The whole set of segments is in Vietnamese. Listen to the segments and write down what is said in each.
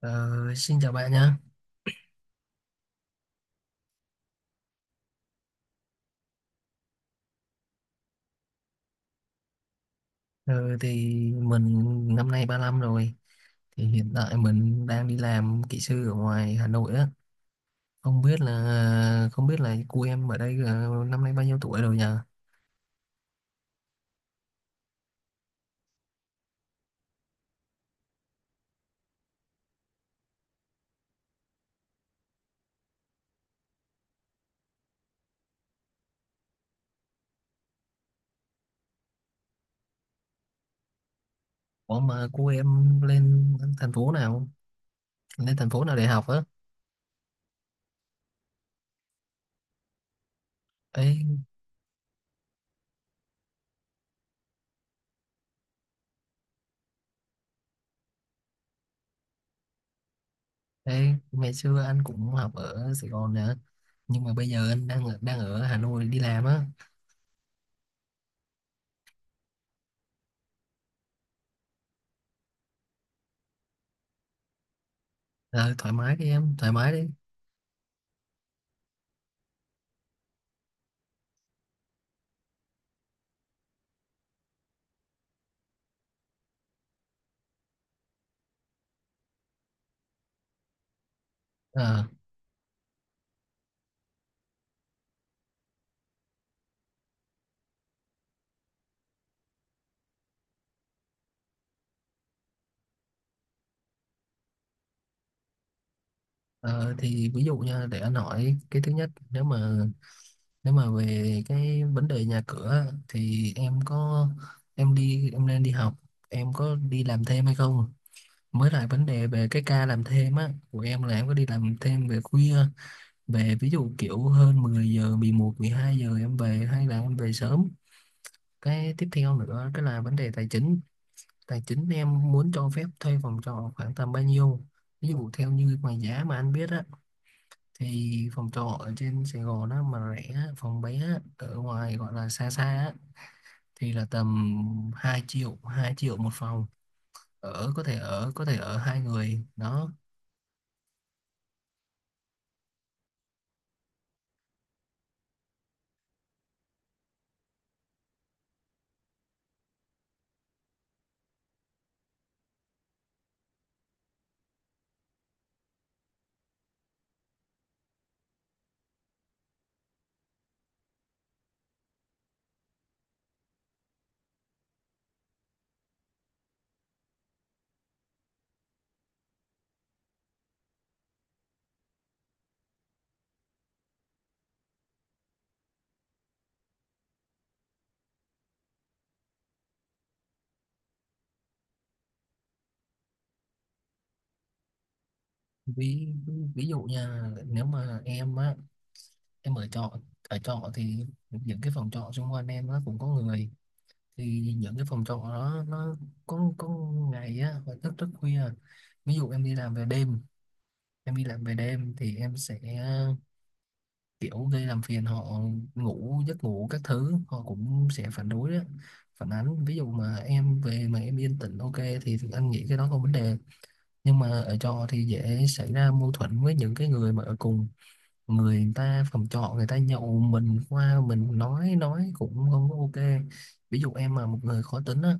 Ờ, xin chào bạn nhé. Ờ, thì mình năm nay ba lăm rồi. Thì hiện tại mình đang đi làm kỹ sư ở ngoài Hà Nội á. Không biết là cô em ở đây năm nay bao nhiêu tuổi rồi nhờ? Ủa mà cô em lên thành phố nào? Lên thành phố nào để học á? Ấy, ấy, ngày xưa anh cũng học ở Sài Gòn nè. Nhưng mà bây giờ anh đang ở Hà Nội đi làm á. Ờ, thoải mái đi em, thoải mái đi. Ờ. Ờ, thì ví dụ nha, để anh hỏi cái thứ nhất. Nếu mà về cái vấn đề nhà cửa á, thì em có em đi em nên đi học, em có đi làm thêm hay không, mới lại vấn đề về cái ca làm thêm á của em, là em có đi làm thêm về khuya ví dụ kiểu hơn 10 giờ, 11 hai giờ em về, hay là em về sớm. Cái tiếp theo nữa cái là vấn đề tài chính, tài chính em muốn cho phép thuê phòng trọ khoảng tầm bao nhiêu. Ví dụ theo như mà giá mà anh biết á, thì phòng trọ ở trên Sài Gòn á mà rẻ á, phòng bé á, ở ngoài gọi là xa xa á, thì là tầm hai triệu một phòng, ở có thể ở có thể ở hai người đó. Ví ví dụ nha, nếu mà em á, em ở trọ ở trọ thì những cái phòng trọ xung quanh em nó cũng có người, thì những cái phòng trọ đó nó có ngày á hoặc thức rất khuya. Ví dụ em đi làm về đêm em đi làm về đêm thì em sẽ kiểu gây làm phiền họ, ngủ giấc ngủ các thứ họ cũng sẽ phản đối đó, phản ánh. Ví dụ mà em về mà em yên tĩnh, ok thì anh nghĩ cái đó không vấn đề. Nhưng mà ở trọ thì dễ xảy ra mâu thuẫn với những cái người mà ở cùng, người ta phòng trọ người ta nhậu, mình qua mình nói cũng không có ok. Ví dụ em mà một người khó tính á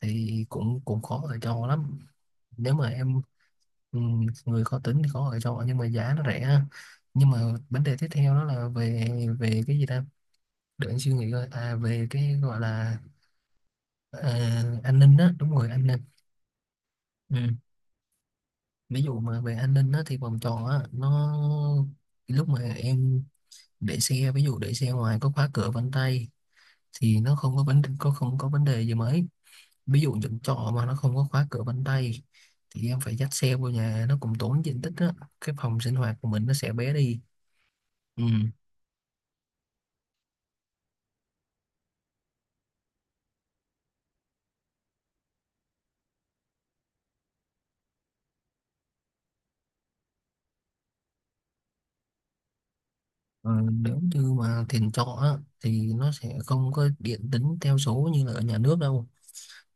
thì cũng cũng khó ở trọ lắm. Nếu mà em ừ, người khó tính thì khó ở trọ, nhưng mà giá nó rẻ. Nhưng mà vấn đề tiếp theo đó là về về cái gì ta, để anh suy nghĩ coi, à về cái gọi là, ờ, an ninh á, đúng rồi an ninh. Ừ. Ví dụ mà về an ninh á thì vòng tròn á nó, lúc mà em để xe, ví dụ để xe ngoài có khóa cửa vân tay thì nó không có vấn có không có vấn đề gì mấy. Ví dụ những trọ mà nó không có khóa cửa vân tay thì em phải dắt xe vô nhà, nó cũng tốn diện tích á, cái phòng sinh hoạt của mình nó sẽ bé đi. Ừ. Ờ, nếu như mà tiền trọ á, thì nó sẽ không có điện tính theo số như là ở nhà nước đâu.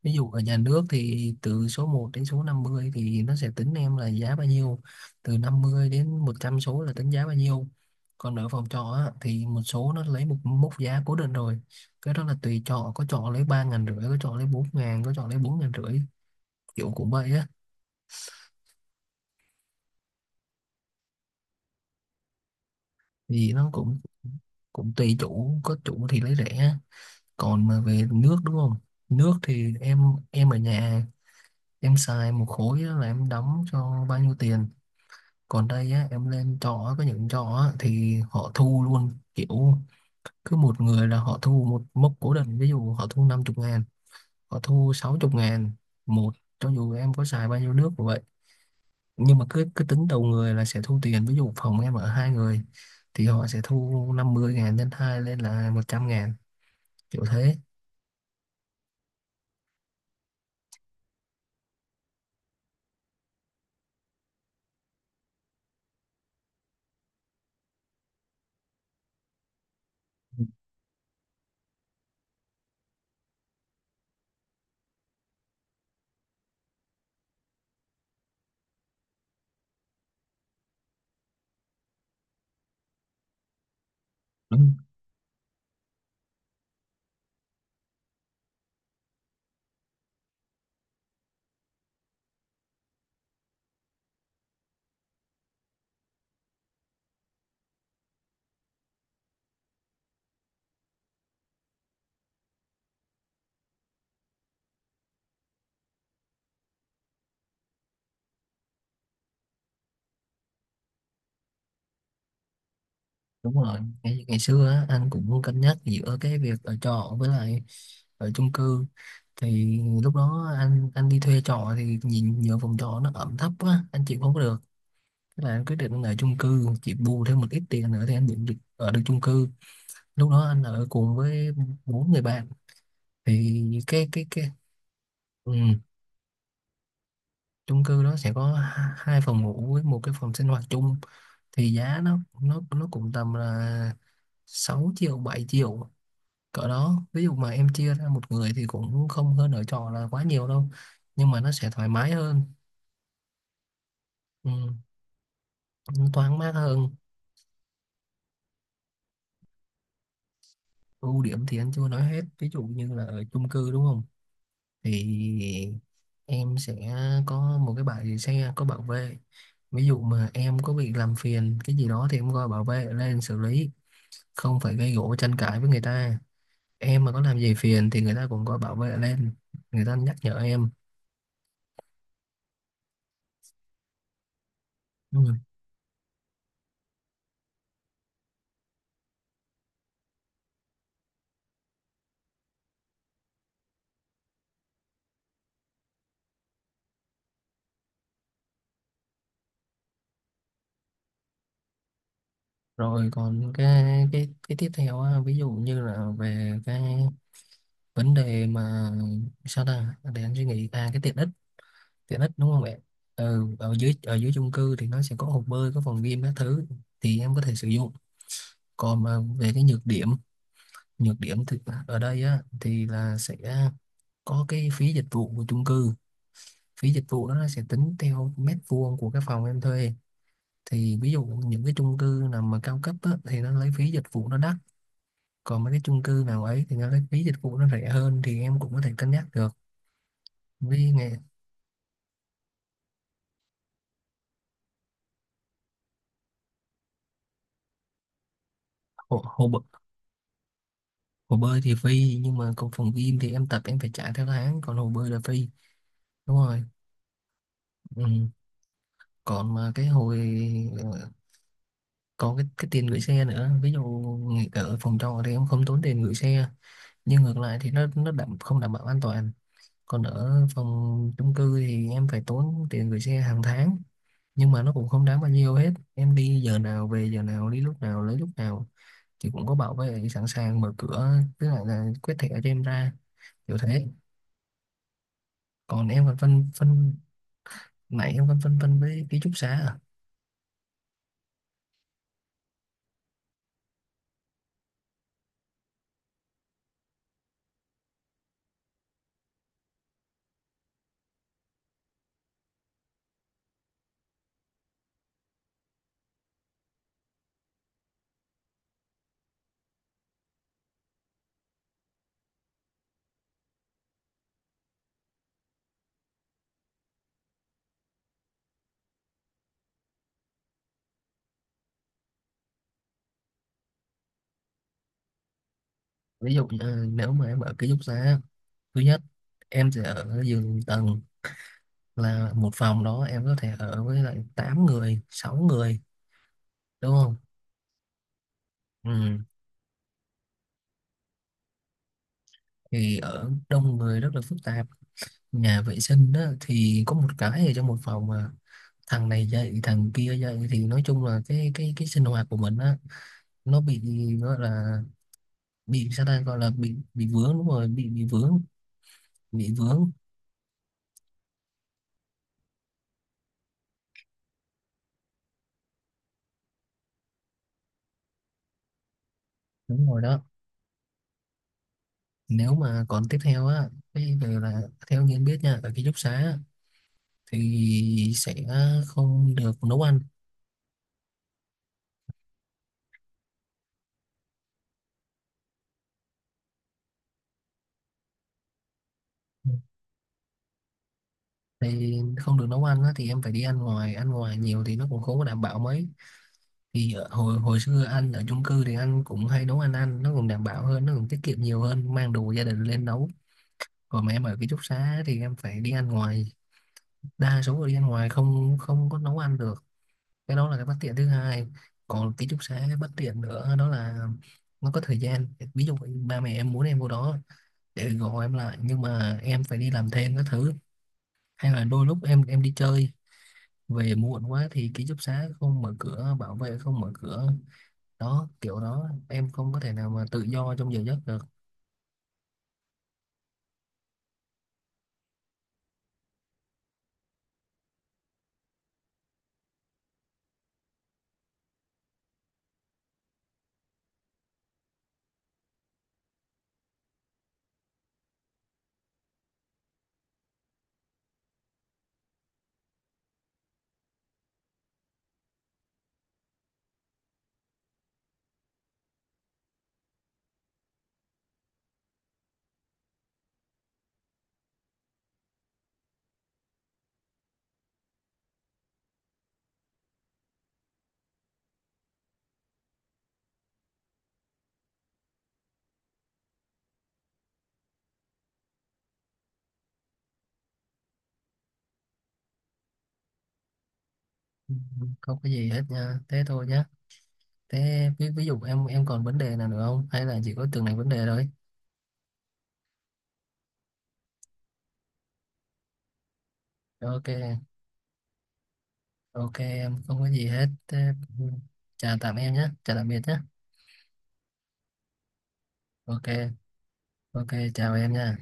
Ví dụ ở nhà nước thì từ số một đến số 50 thì nó sẽ tính em là giá bao nhiêu, từ 50 đến 100 số là tính giá bao nhiêu. Còn ở phòng trọ á, thì một số nó lấy một mốc giá cố định rồi, cái đó là tùy trọ, có trọ lấy ba ngàn rưỡi, có trọ lấy bốn ngàn, có trọ lấy bốn ngàn rưỡi, kiểu cũng vậy á. Thì nó cũng cũng tùy chủ, có chủ thì lấy rẻ. Còn mà về nước đúng không, nước thì ở nhà em xài một khối đó là em đóng cho bao nhiêu tiền. Còn đây á, em lên trọ có những trọ á, thì họ thu luôn kiểu cứ một người là họ thu một mốc cố định, ví dụ họ thu 50 ngàn, họ thu 60 ngàn một, cho dù em có xài bao nhiêu nước cũng vậy. Nhưng mà cứ cứ tính đầu người là sẽ thu tiền. Ví dụ phòng em ở hai người thì họ sẽ thu 50 ngàn lên hai lên là 100 ngàn, kiểu thế. Ừ, đúng đúng rồi ngày xưa á, anh cũng cân nhắc giữa cái việc ở trọ với lại ở chung cư. Thì lúc đó anh đi thuê trọ thì nhìn nhờ phòng trọ nó ẩm thấp quá, anh chịu không có được, thế là anh quyết định anh ở chung cư, chị bù thêm một ít tiền nữa thì anh định được ở được chung cư. Lúc đó anh ở cùng với bốn người bạn. Thì cái cái cái ừ, chung cư đó sẽ có hai phòng ngủ với một cái phòng sinh hoạt chung, thì giá nó cũng tầm là 6 triệu 7 triệu cỡ đó. Ví dụ mà em chia ra một người thì cũng không hơn ở trọ là quá nhiều đâu, nhưng mà nó sẽ thoải mái hơn. Ừ, thoáng mát hơn. Ưu điểm thì anh chưa nói hết, ví dụ như là ở chung cư đúng không, thì em sẽ có một cái bãi để xe có bảo vệ. Ví dụ mà em có bị làm phiền cái gì đó thì em gọi bảo vệ lên xử lý, không phải gây gổ tranh cãi với người ta. Em mà có làm gì phiền thì người ta cũng gọi bảo vệ lên, người ta nhắc nhở em. Ừ. Rồi còn cái tiếp theo á, ví dụ như là về cái vấn đề mà, sao ta, để anh suy nghĩ, à cái tiện ích, tiện ích đúng không bạn. Ừ, ở dưới chung cư thì nó sẽ có hồ bơi, có phòng gym các thứ thì em có thể sử dụng. Còn mà về cái nhược điểm, nhược điểm thì ở đây á thì là sẽ có cái phí dịch vụ của chung cư. Phí dịch vụ đó nó sẽ tính theo mét vuông của cái phòng em thuê. Thì ví dụ những cái chung cư nào mà cao cấp á, thì nó lấy phí dịch vụ nó đắt, còn mấy cái chung cư nào ấy thì nó lấy phí dịch vụ nó rẻ hơn, thì em cũng có thể cân nhắc được. Vì nghề hồ, hồ, hồ bơi thì phi, nhưng mà còn phòng gym thì em tập em phải trả theo tháng, còn hồ bơi là phi, đúng rồi. Ừ. Còn mà cái hồi ờ, còn cái tiền gửi xe nữa. Ví dụ nghỉ ở phòng trọ thì em không tốn tiền gửi xe, nhưng ngược lại thì không đảm bảo an toàn. Còn ở phòng chung cư thì em phải tốn tiền gửi xe hàng tháng, nhưng mà nó cũng không đáng bao nhiêu hết. Em đi giờ nào về giờ nào, đi lúc nào lấy lúc nào, thì cũng có bảo vệ sẵn sàng mở cửa, tức là quét thẻ cho em ra, kiểu thế. Còn em còn phân phân Nãy em còn phân vân với ký túc xá à. Ví dụ như nếu mà em ở ký túc xá, thứ nhất em sẽ ở giường tầng, là một phòng đó em có thể ở với lại 8 người 6 người, đúng không. Ừ. Thì ở đông người rất là phức tạp, nhà vệ sinh đó thì có một cái ở trong một phòng mà thằng này dậy thằng kia dậy, thì nói chung là cái sinh hoạt của mình á nó bị, gọi là, bị sao ta, gọi là bị vướng, đúng rồi, bị vướng, bị vướng, đúng rồi đó. Nếu mà còn tiếp theo á, cái về là theo như anh biết nha, ở ký túc xá á, thì sẽ không được nấu ăn. Ừ, thì không được nấu ăn á, thì em phải đi ăn ngoài, ăn ngoài nhiều thì nó cũng không có đảm bảo mấy. Thì ở, hồi hồi xưa anh ở chung cư thì anh cũng hay nấu ăn, ăn nó cũng đảm bảo hơn, nó cũng tiết kiệm nhiều hơn, mang đồ gia đình lên nấu. Còn mà em ở ký túc xá thì em phải đi ăn ngoài, đa số là đi ăn ngoài, không không có nấu ăn được. Cái đó là cái bất tiện thứ hai. Còn ký túc xá bất tiện nữa đó là nó có thời gian. Ví dụ ba mẹ em muốn em vô đó để gọi em lại, nhưng mà em phải đi làm thêm các thứ, hay là đôi lúc em đi chơi về muộn quá thì ký túc xá không mở cửa, bảo vệ không mở cửa, đó kiểu đó em không có thể nào mà tự do trong giờ giấc được. Ừ, không có gì hết nha, thế thôi nhá. Thế ví dụ em còn vấn đề nào nữa không, hay là chỉ có từng này vấn đề thôi. Ok. Ok em không có gì hết. Thế, ừ, chào tạm em nhé, chào tạm biệt nhé. Ok. Ok, chào em nha.